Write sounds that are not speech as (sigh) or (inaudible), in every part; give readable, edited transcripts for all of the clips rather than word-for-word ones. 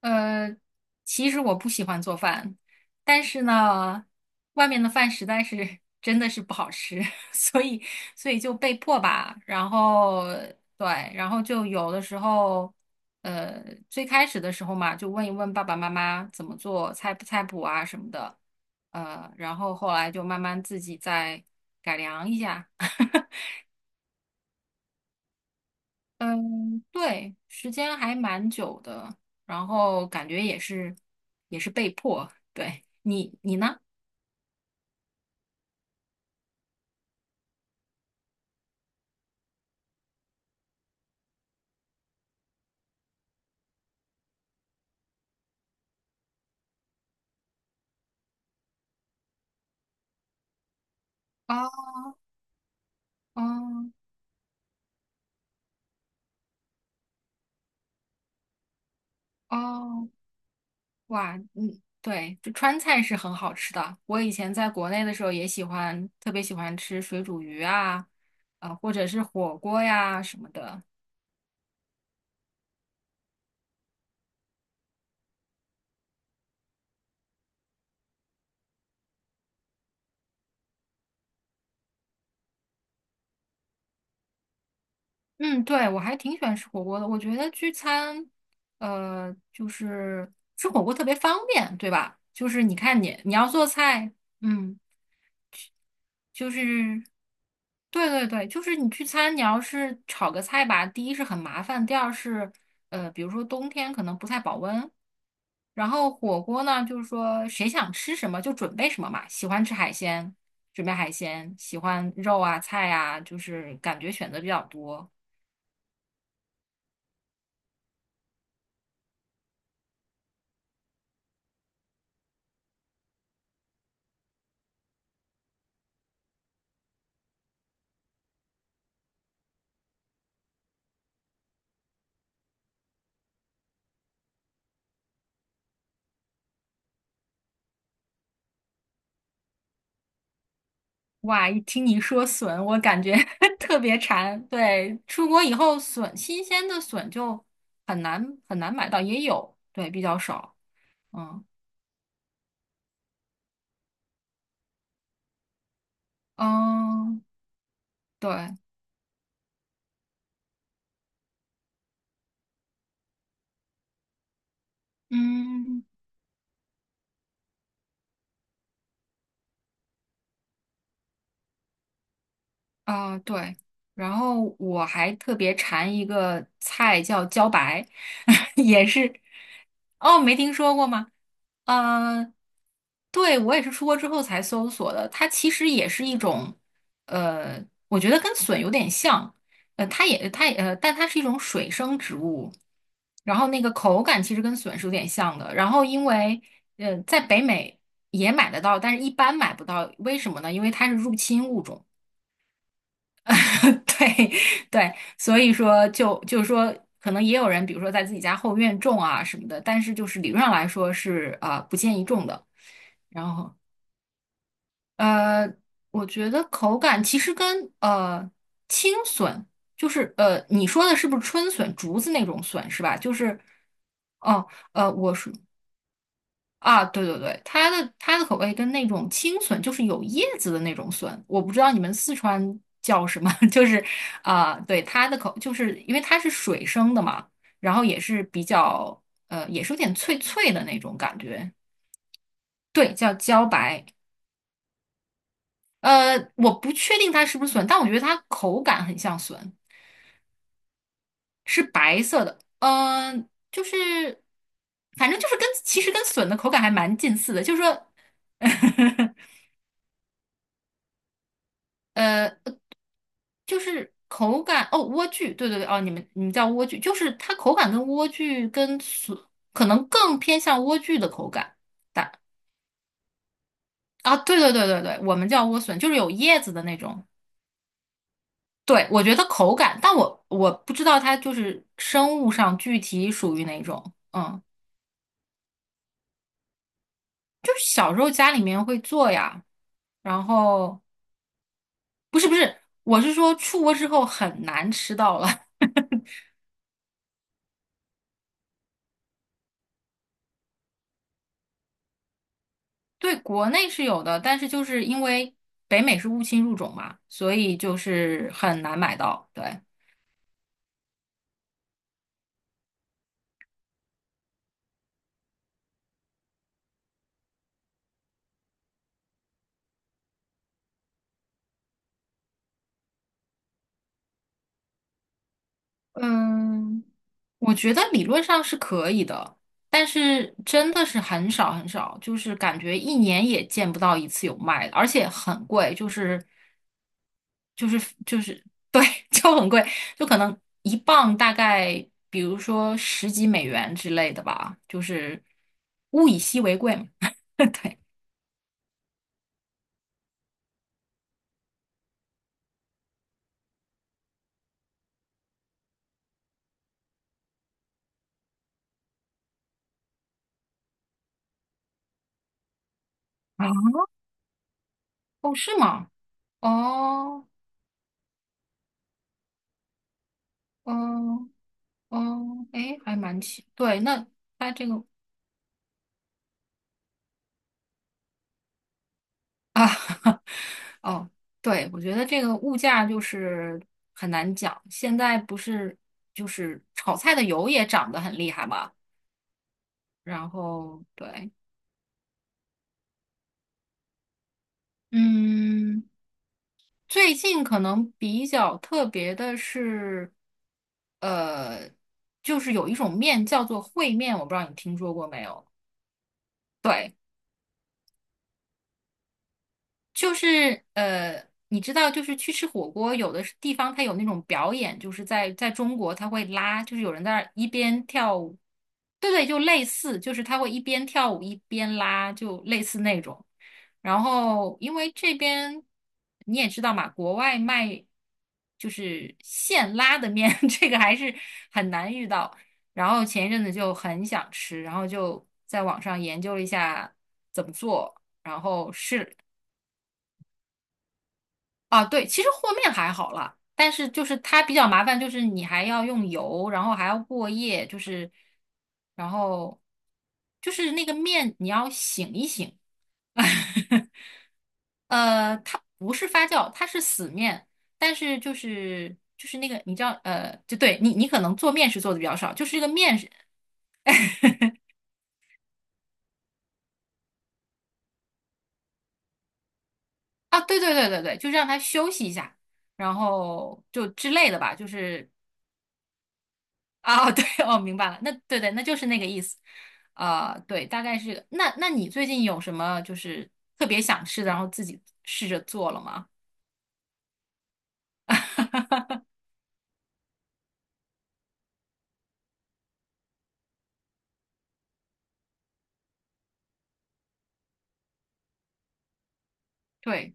呃，其实我不喜欢做饭，但是呢，外面的饭实在是真的是不好吃，(laughs) 所以就被迫吧。然后对，然后就有的时候，呃，最开始的时候嘛，就问一问爸爸妈妈怎么做菜谱菜谱啊什么的，然后后来就慢慢自己再改良一下。(laughs) 嗯，对，时间还蛮久的，然后感觉也是被迫。对，你呢？哦哦哦，哇，嗯，对，这川菜是很好吃的。我以前在国内的时候也喜欢，特别喜欢吃水煮鱼啊，或者是火锅呀什么的。嗯，对，我还挺喜欢吃火锅的。我觉得聚餐，就是吃火锅特别方便，对吧？就是你看你要做菜，嗯。就是对对对，就是你聚餐，你要是炒个菜吧，第一是很麻烦，第二是比如说冬天可能不太保温。然后火锅呢，就是说谁想吃什么就准备什么嘛，喜欢吃海鲜，准备海鲜；喜欢肉啊、菜啊，就是感觉选择比较多。哇，一听你说笋，我感觉 (laughs) 特别馋。对，出国以后笋，新鲜的笋就很难很难买到，也有，对，比较少。嗯。嗯，对，嗯，对，然后我还特别馋一个菜叫茭白，(laughs) 也是，哦，没听说过吗？呃，对，我也是出国之后才搜索的，它其实也是一种，我觉得跟笋有点像，它也但它是一种水生植物，然后那个口感其实跟笋是有点像的，然后因为在北美也买得到，但是一般买不到，为什么呢？因为它是入侵物种。(laughs) 对对，所以说就是说，可能也有人，比如说在自己家后院种啊什么的，但是就是理论上来说是不建议种的。然后呃，我觉得口感其实跟青笋，就是你说的是不是春笋，竹子那种笋是吧？就是哦我是。啊，对对对，它的口味跟那种青笋，就是有叶子的那种笋，我不知道你们四川叫什么，(laughs) 就是对它的口，就是因为它是水生的嘛，然后也是比较也是有点脆脆的那种感觉，对，叫茭白，我不确定它是不是笋，但我觉得它口感很像笋，是白色的，就是反正就是跟其实跟笋的口感还蛮近似的，就是说。(laughs) 呃，就是口感哦，莴苣，对对对，哦，你们叫莴苣，就是它口感跟莴苣跟笋可能更偏向莴苣的口感。但啊，对对对对对，我们叫莴笋，就是有叶子的那种。对，我觉得口感，但我不知道它就是生物上具体属于哪种。嗯，就是小时候家里面会做呀，然后不是不是，我是说出国之后很难吃到了。对，国内是有的，但是就是因为北美是物侵入种嘛，所以就是很难买到。对，嗯，我觉得理论上是可以的，但是真的是很少很少，就是感觉一年也见不到一次有卖的，而且很贵，就是就是对，(laughs) 就很贵，就可能1磅大概比如说十几美元之类的吧，就是物以稀为贵嘛。(laughs) 对，啊，哦，是吗？哦，哦，哦，诶，还蛮奇，对，那它这个啊，(laughs) 哦，对，我觉得这个物价就是很难讲。现在不是就是炒菜的油也涨得很厉害嘛，然后对，嗯，最近可能比较特别的是，呃，就是有一种面叫做烩面，我不知道你听说过没有。对。就是你知道，就是去吃火锅，有的是地方它有那种表演，就是在中国，它会拉，就是有人在那儿一边跳舞，对对，就类似，就是他会一边跳舞一边拉，就类似那种。然后，因为这边你也知道嘛，国外卖就是现拉的面，(laughs) 这个还是很难遇到。然后前一阵子就很想吃，然后就在网上研究了一下怎么做，然后试啊，对，其实和面还好了，但是就是它比较麻烦，就是你还要用油，然后还要过夜，就是，然后就是那个面你要醒一醒，(laughs) 它不是发酵，它是死面，但是就是那个你知道，就对你可能做面食做的比较少，就是这个面食啊，对对对对对，就让它休息一下，然后就之类的吧，就是啊，对，哦，明白了，那对对，那就是那个意思，对，大概是这个那你最近有什么就是特别想吃的，然后自己试着做了吗？(laughs) 对，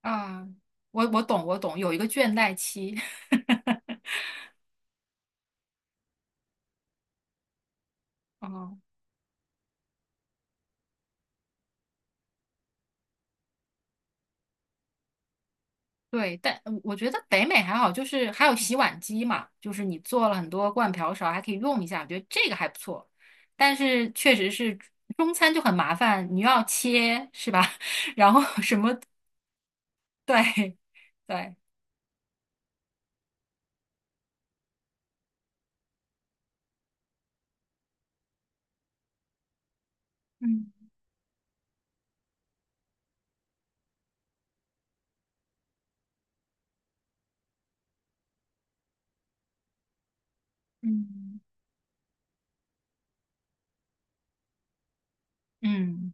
啊、我懂，我懂，有一个倦怠期。(laughs) 哦，对，但我觉得北美还好，就是还有洗碗机嘛，就是你做了很多罐瓢勺，还可以用一下，我觉得这个还不错。但是确实是中餐就很麻烦，你又要切，是吧？(laughs) 然后什么，对对。嗯嗯嗯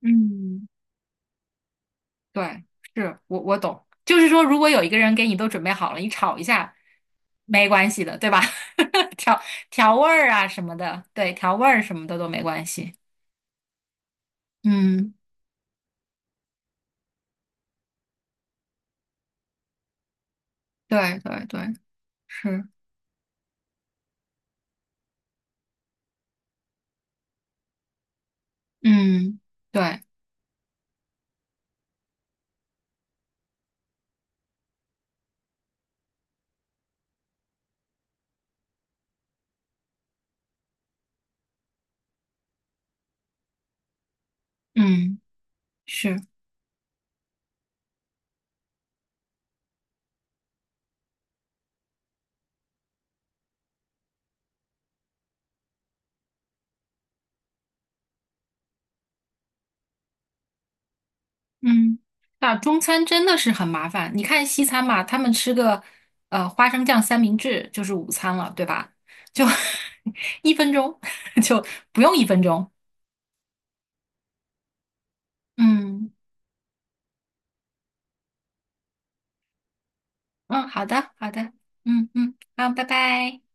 嗯，对，是我懂，就是说，如果有一个人给你都准备好了，你炒一下没关系的，对吧？(laughs) 调调味儿啊什么的，对，调味儿什么的都没关系。嗯，对对对，是，嗯，对，嗯，是。嗯，那中餐真的是很麻烦。你看西餐嘛，他们吃个花生酱三明治就是午餐了，对吧？就 (laughs) 一分钟，(laughs) 就不用一分钟。嗯嗯，好的好的，嗯嗯，好，拜拜。